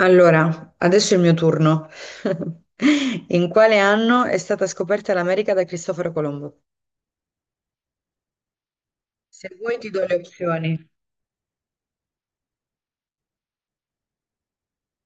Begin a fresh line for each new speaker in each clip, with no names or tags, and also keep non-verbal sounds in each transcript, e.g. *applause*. Allora, adesso è il mio turno. *laughs* In quale anno è stata scoperta l'America da Cristoforo Colombo? Se vuoi ti do le opzioni.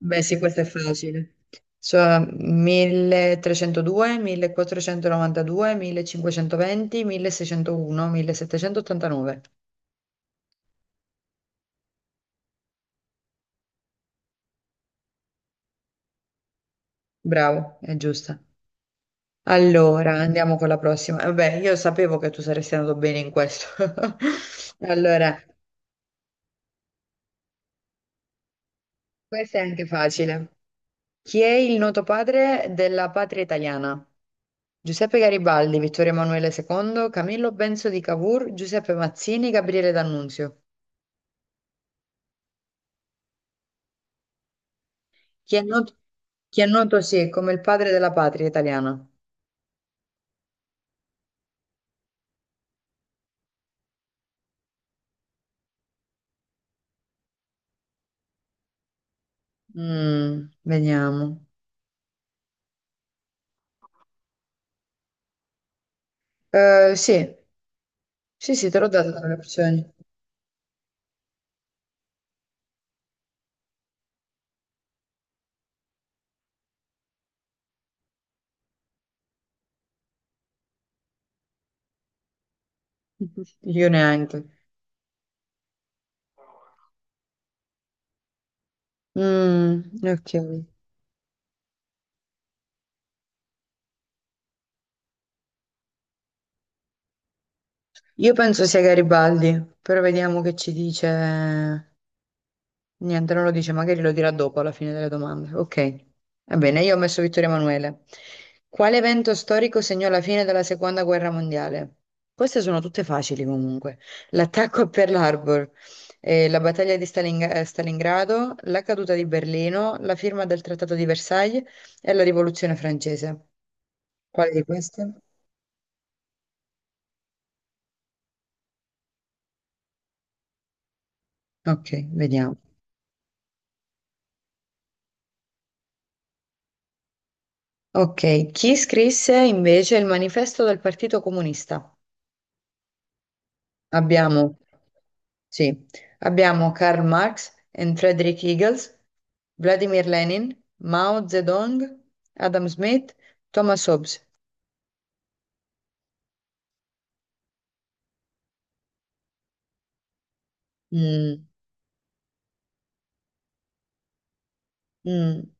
Beh, sì, questo è facile. Cioè 1302, 1492, 1520, 1601, 1789. Bravo, è giusta. Allora, andiamo con la prossima. Vabbè, io sapevo che tu saresti andato bene in questo. *laughs* Allora, questa è anche facile. Chi è il noto padre della patria italiana? Giuseppe Garibaldi, Vittorio Emanuele II, Camillo Benso di Cavour, Giuseppe Mazzini, Gabriele D'Annunzio. Chi è noto, chi è noto, sì, come il padre della patria italiana? Mm, vediamo. Sì, sì, sì, te l'ho dato tra le opzioni. *laughs* Io neanche. Mm, ok. Io penso sia Garibaldi, però vediamo che ci dice. Niente, non lo dice, magari lo dirà dopo alla fine delle domande. Ok, va bene, io ho messo Vittorio Emanuele. Quale evento storico segnò la fine della seconda guerra mondiale? Queste sono tutte facili comunque. L'attacco a Pearl Harbor, la battaglia di Stalingrado, la caduta di Berlino, la firma del Trattato di Versailles e la rivoluzione francese. Quale di queste? Ok, vediamo. Ok, chi scrisse invece il manifesto del Partito Comunista? Abbiamo Sì, abbiamo Karl Marx e Friedrich Engels, Vladimir Lenin, Mao Zedong, Adam Smith, Thomas Hobbes. Mm, mm,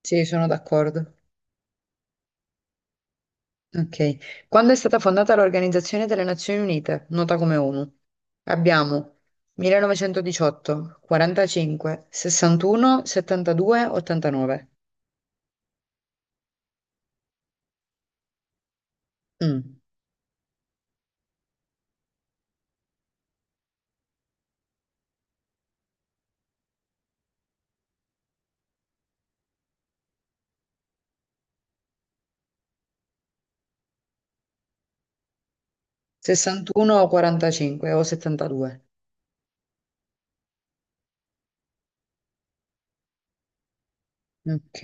sì, sono d'accordo. Ok. Quando è stata fondata l'Organizzazione delle Nazioni Unite, nota come ONU? Abbiamo 1918, 45, 61, 72, 89. Mm, 61 o 45 o 72. Ok.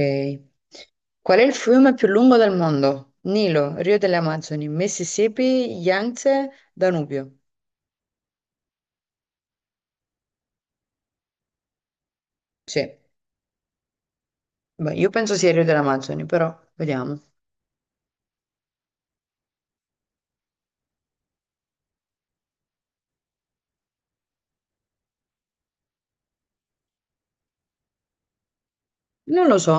Qual è il fiume più lungo del mondo? Nilo, Rio delle Amazzoni, Mississippi, Yangtze, Danubio. Sì, beh, io penso sia il Rio delle Amazzoni, però vediamo. Non lo so.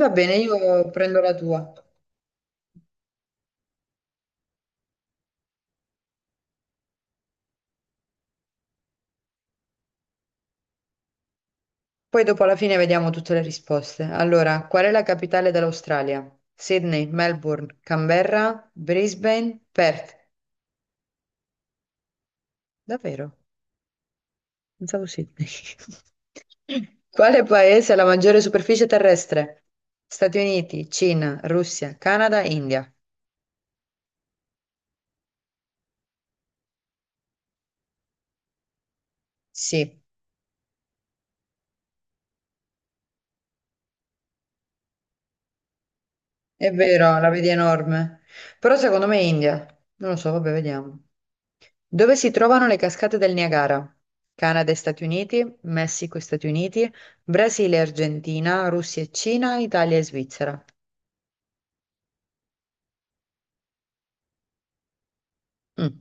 Va bene, io prendo la tua. Poi dopo alla fine vediamo tutte le risposte. Allora, qual è la capitale dell'Australia? Sydney, Melbourne, Canberra, Brisbane, Perth. Davvero? Pensavo Sydney. *laughs* Quale paese ha la maggiore superficie terrestre? Stati Uniti, Cina, Russia, Canada, India. Sì, è vero, la vedi enorme. Però secondo me è India. Non lo so, vabbè, vediamo. Dove si trovano le cascate del Niagara? Canada e Stati Uniti, Messico e Stati Uniti, Brasile e Argentina, Russia e Cina, Italia e Svizzera. Mm.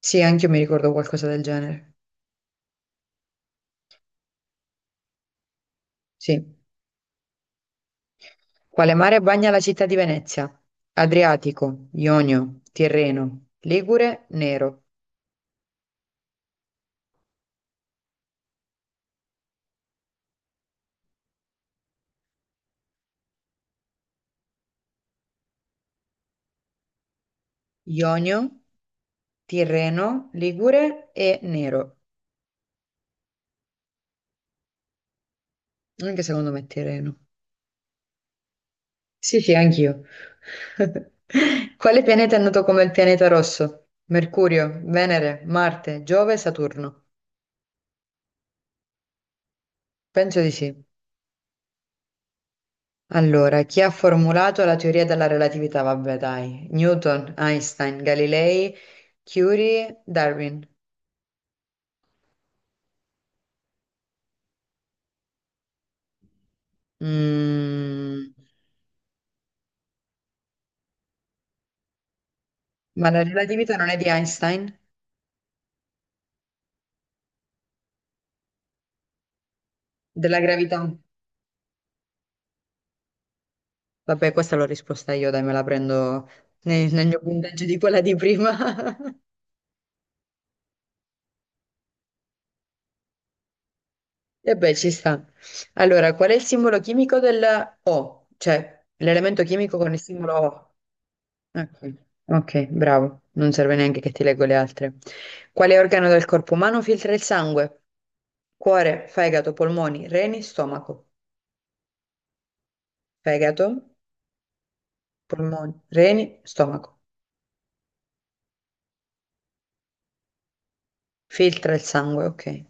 Sì, anche io mi ricordo qualcosa del genere. Sì. Quale mare bagna la città di Venezia? Adriatico, Ionio, Tirreno, Ligure, Nero. Ionio, Tirreno, Ligure e Nero. Anche secondo me è Tirreno. Sì, sì, anch'io. *laughs* Quale pianeta è noto come il pianeta rosso? Mercurio, Venere, Marte, Giove, Saturno. Penso di sì. Allora, chi ha formulato la teoria della relatività? Vabbè, dai. Newton, Einstein, Galilei, Curie, Darwin. Mm, ma la relatività non è di Einstein? Della gravità? Vabbè, questa l'ho risposta io, dai, me la prendo nel mio punteggio di quella di prima. *laughs* E beh, ci sta. Allora, qual è il simbolo chimico del O? Cioè, l'elemento chimico con il simbolo O. Ok, ok, bravo. Non serve neanche che ti leggo le altre. Quale organo del corpo umano filtra il sangue? Cuore, fegato, polmoni, reni, stomaco. Fegato, polmoni, reni, stomaco. Filtra il sangue, ok.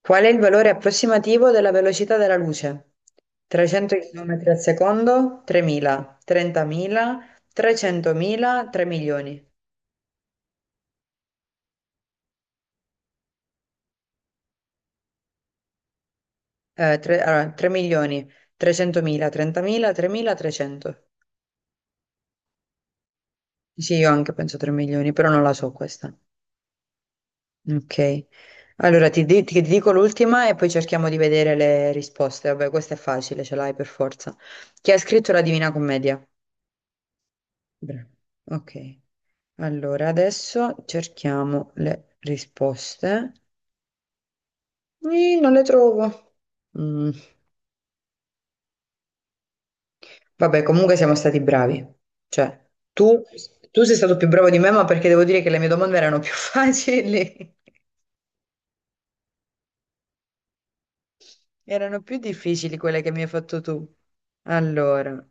Qual è il valore approssimativo della velocità della luce? 300 km al secondo, 3.000, 30.000, 300.000, 3 milioni. Allora, 3 milioni, 300.000, 30.000, 3.300. Sì, io anche penso 3 milioni, però non la so questa. Ok. Allora, ti dico l'ultima e poi cerchiamo di vedere le risposte. Vabbè, questa è facile, ce l'hai per forza. Chi ha scritto la Divina Commedia? Bra- Ok, allora adesso cerchiamo le risposte. Ih, non le trovo. Mm, Vabbè, comunque siamo stati bravi. Cioè, tu sei stato più bravo di me, ma perché devo dire che le mie domande erano più *laughs* facili. Erano più difficili quelle che mi hai fatto tu. Allora,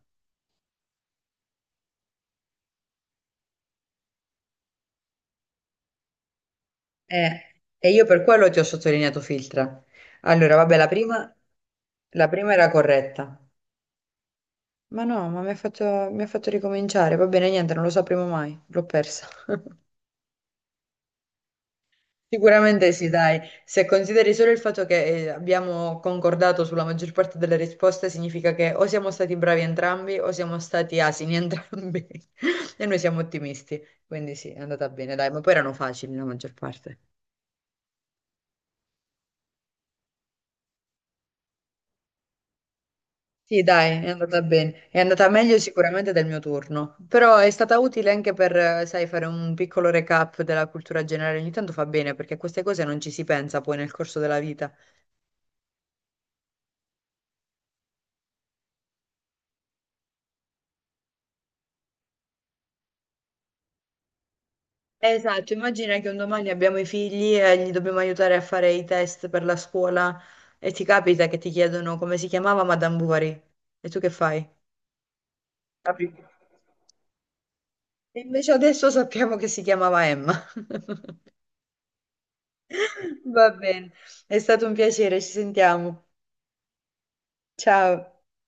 e io per quello ti ho sottolineato filtra. Allora, vabbè, la prima era corretta. Ma no, ma mi ha fatto ricominciare. Va bene, niente, non lo sapremo mai. L'ho persa. *laughs* Sicuramente sì, dai. Se consideri solo il fatto che abbiamo concordato sulla maggior parte delle risposte, significa che o siamo stati bravi entrambi o siamo stati asini entrambi. *laughs* E noi siamo ottimisti. Quindi sì, è andata bene, dai. Ma poi erano facili la maggior parte. Sì, dai, è andata bene. È andata meglio sicuramente del mio turno, però è stata utile anche per, sai, fare un piccolo recap della cultura generale. Ogni tanto fa bene perché a queste cose non ci si pensa poi nel corso della vita. Esatto, immagina che un domani abbiamo i figli e gli dobbiamo aiutare a fare i test per la scuola e ti capita che ti chiedono come si chiamava Madame Bovary e tu che fai? E invece adesso sappiamo che si chiamava Emma. *laughs* Va bene, è stato un piacere, ci sentiamo. Ciao.